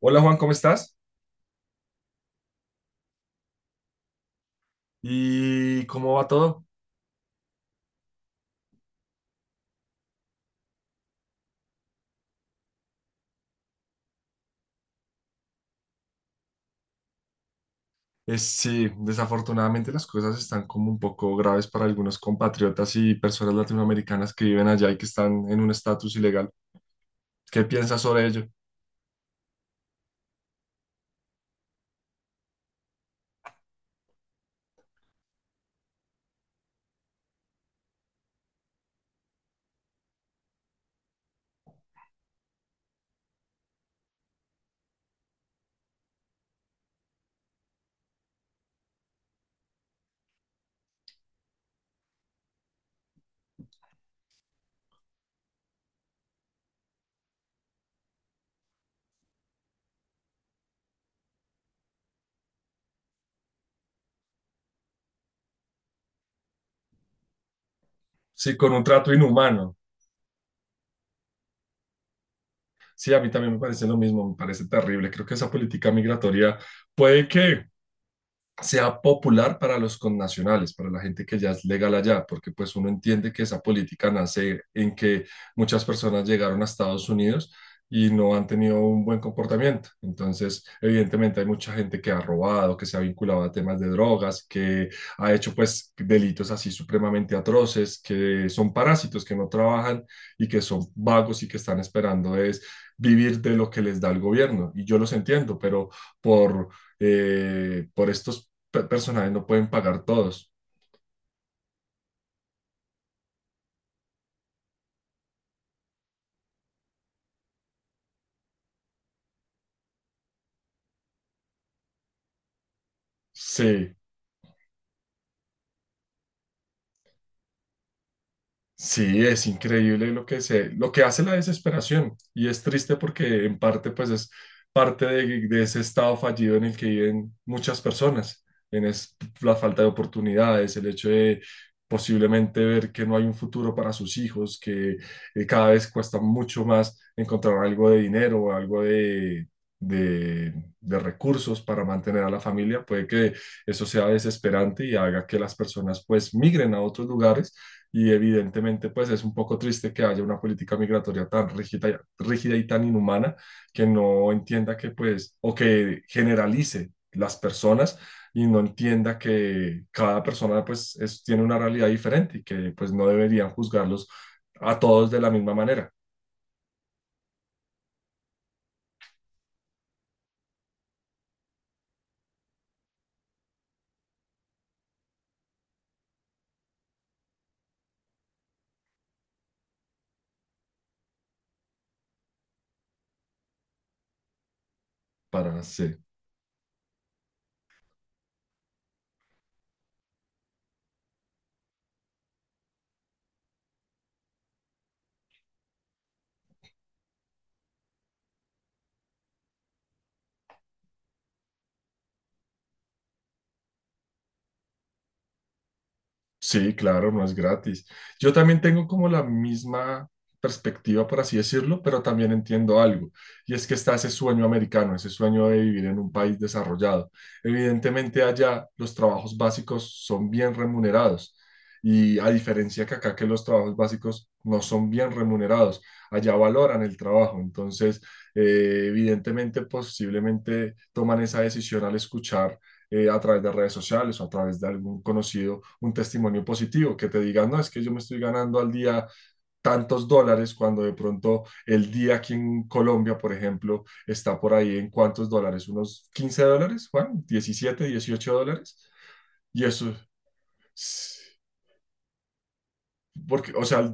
Hola Juan, ¿cómo estás? ¿Y cómo va todo? Sí, desafortunadamente las cosas están como un poco graves para algunos compatriotas y personas latinoamericanas que viven allá y que están en un estatus ilegal. ¿Qué piensas sobre ello? Sí, con un trato inhumano. Sí, a mí también me parece lo mismo, me parece terrible. Creo que esa política migratoria puede que sea popular para los connacionales, para la gente que ya es legal allá, porque pues uno entiende que esa política nace en que muchas personas llegaron a Estados Unidos y no han tenido un buen comportamiento. Entonces, evidentemente hay mucha gente que ha robado, que se ha vinculado a temas de drogas, que ha hecho pues delitos así supremamente atroces, que son parásitos, que no trabajan y que son vagos y que están esperando es vivir de lo que les da el gobierno. Y yo los entiendo, pero por por estos personajes no pueden pagar todos. Sí, sí, es increíble lo que se, lo que hace la desesperación y es triste porque en parte pues es parte de ese estado fallido en el que viven muchas personas, en es, la falta de oportunidades, el hecho de posiblemente ver que no hay un futuro para sus hijos, que cada vez cuesta mucho más encontrar algo de dinero o algo de, de recursos para mantener a la familia, puede que eso sea desesperante y haga que las personas pues migren a otros lugares y evidentemente, pues es un poco triste que haya una política migratoria tan rígida, rígida y tan inhumana que no entienda que, pues, o que generalice las personas y no entienda que cada persona, pues, tiene una realidad diferente y que, pues, no deberían juzgarlos a todos de la misma manera para, se- Sí, claro, no es gratis. Yo también tengo como la misma perspectiva, por así decirlo, pero también entiendo algo, y es que está ese sueño americano, ese sueño de vivir en un país desarrollado. Evidentemente allá los trabajos básicos son bien remunerados, y a diferencia que acá que los trabajos básicos no son bien remunerados, allá valoran el trabajo, entonces evidentemente posiblemente toman esa decisión al escuchar a través de redes sociales o a través de algún conocido, un testimonio positivo que te diga, no, es que yo me estoy ganando al día tantos dólares cuando de pronto el día aquí en Colombia, por ejemplo, está por ahí en cuántos dólares, unos 15 dólares, Juan, 17 18 dólares. Y eso es porque, o sea,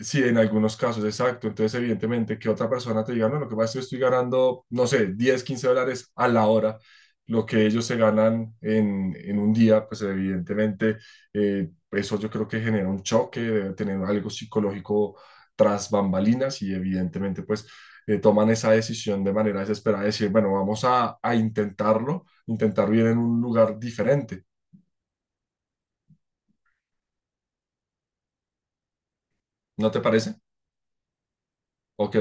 sí, en algunos casos, exacto. Entonces, evidentemente, que otra persona te diga, no, lo que pasa es que yo estoy ganando, no sé, 10 15 dólares a la hora, lo que ellos se ganan en un día, pues evidentemente, eso yo creo que genera un choque, debe tener algo psicológico tras bambalinas y evidentemente, pues, toman esa decisión de manera desesperada, de decir, bueno, vamos a intentarlo, intentar vivir en un lugar diferente. ¿No te parece? ¿O que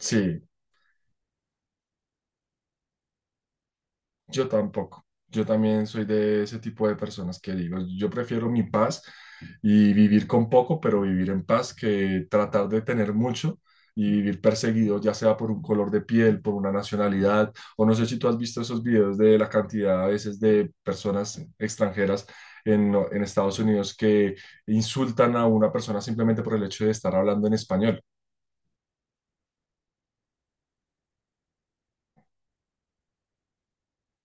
Sí. Yo tampoco. Yo también soy de ese tipo de personas que digo, yo prefiero mi paz y vivir con poco, pero vivir en paz, que tratar de tener mucho y vivir perseguido, ya sea por un color de piel, por una nacionalidad, o no sé si tú has visto esos videos de la cantidad a veces de personas extranjeras en Estados Unidos que insultan a una persona simplemente por el hecho de estar hablando en español.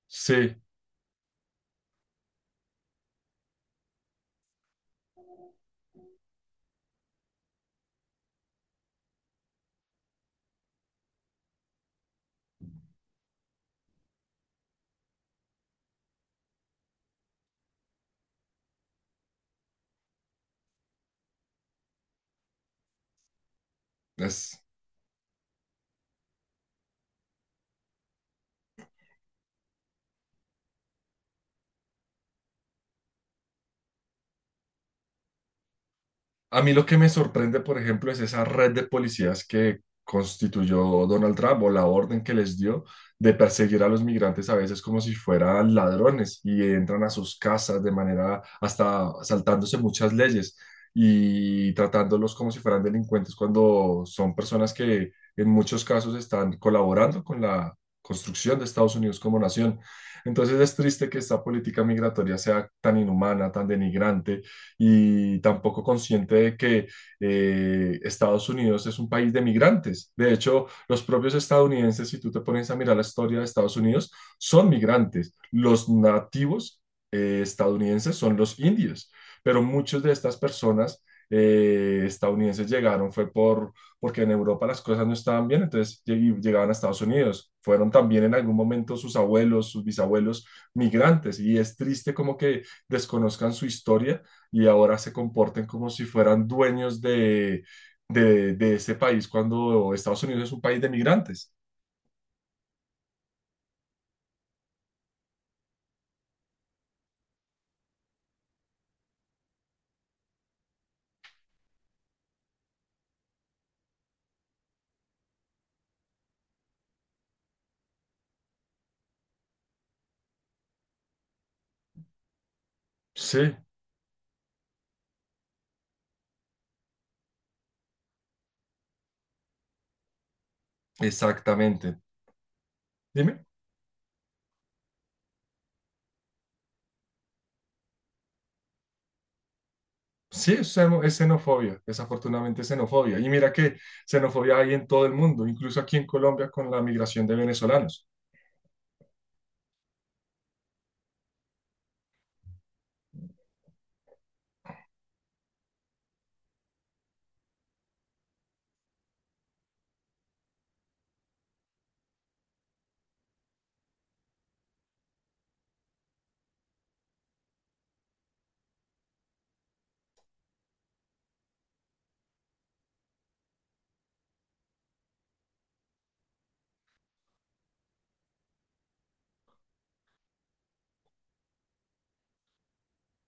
Sí, es A mí lo que me sorprende, por ejemplo, es esa red de policías que constituyó Donald Trump o la orden que les dio de perseguir a los migrantes a veces como si fueran ladrones y entran a sus casas de manera hasta saltándose muchas leyes y tratándolos como si fueran delincuentes cuando son personas que en muchos casos están colaborando con la construcción de Estados Unidos como nación. Entonces es triste que esta política migratoria sea tan inhumana, tan denigrante y tampoco consciente de que Estados Unidos es un país de migrantes. De hecho, los propios estadounidenses, si tú te pones a mirar la historia de Estados Unidos, son migrantes. Los nativos estadounidenses son los indios, pero muchas de estas personas estadounidenses llegaron fue porque en Europa las cosas no estaban bien, entonces llegaban a Estados Unidos. Fueron también en algún momento sus abuelos, sus bisabuelos migrantes y es triste como que desconozcan su historia y ahora se comporten como si fueran dueños de, de ese país cuando Estados Unidos es un país de migrantes. Sí, exactamente. Dime. Sí, es xenofobia, desafortunadamente es xenofobia. Y mira que xenofobia hay en todo el mundo, incluso aquí en Colombia con la migración de venezolanos.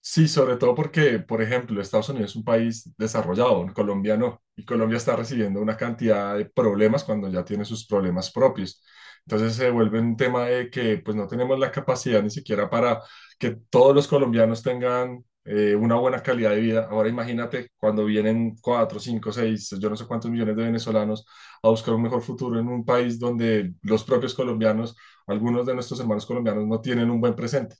Sí, sobre todo porque, por ejemplo, Estados Unidos es un país desarrollado, Colombia no, y Colombia está recibiendo una cantidad de problemas cuando ya tiene sus problemas propios. Entonces se vuelve un tema de que pues no tenemos la capacidad ni siquiera para que todos los colombianos tengan una buena calidad de vida. Ahora imagínate cuando vienen 4, 5, 6, yo no sé cuántos millones de venezolanos a buscar un mejor futuro en un país donde los propios colombianos, algunos de nuestros hermanos colombianos no tienen un buen presente.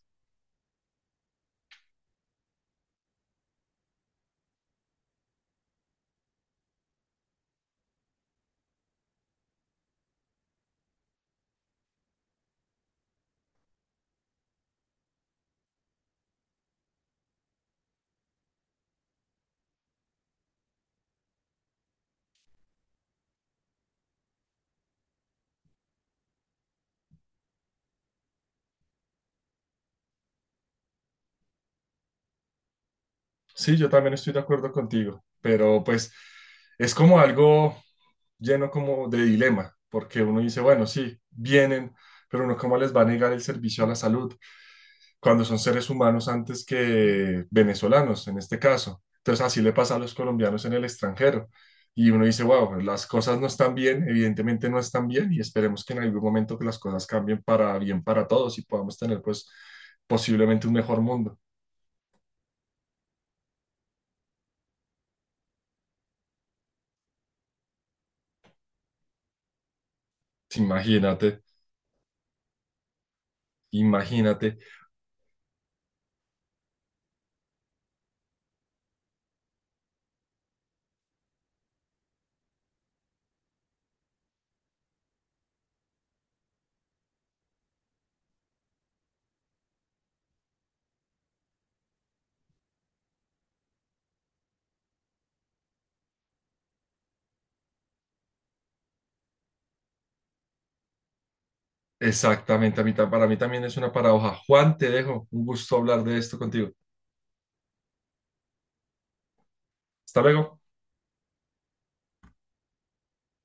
Sí, yo también estoy de acuerdo contigo, pero pues es como algo lleno como de dilema, porque uno dice, bueno, sí, vienen, pero uno cómo les va a negar el servicio a la salud cuando son seres humanos antes que venezolanos, en este caso. Entonces así le pasa a los colombianos en el extranjero. Y uno dice, wow, las cosas no están bien, evidentemente no están bien, y esperemos que en algún momento que las cosas cambien para bien para todos y podamos tener pues posiblemente un mejor mundo. Imagínate, imagínate. Exactamente, a mí para mí también es una paradoja. Juan, te dejo. Un gusto hablar de esto contigo. Hasta luego.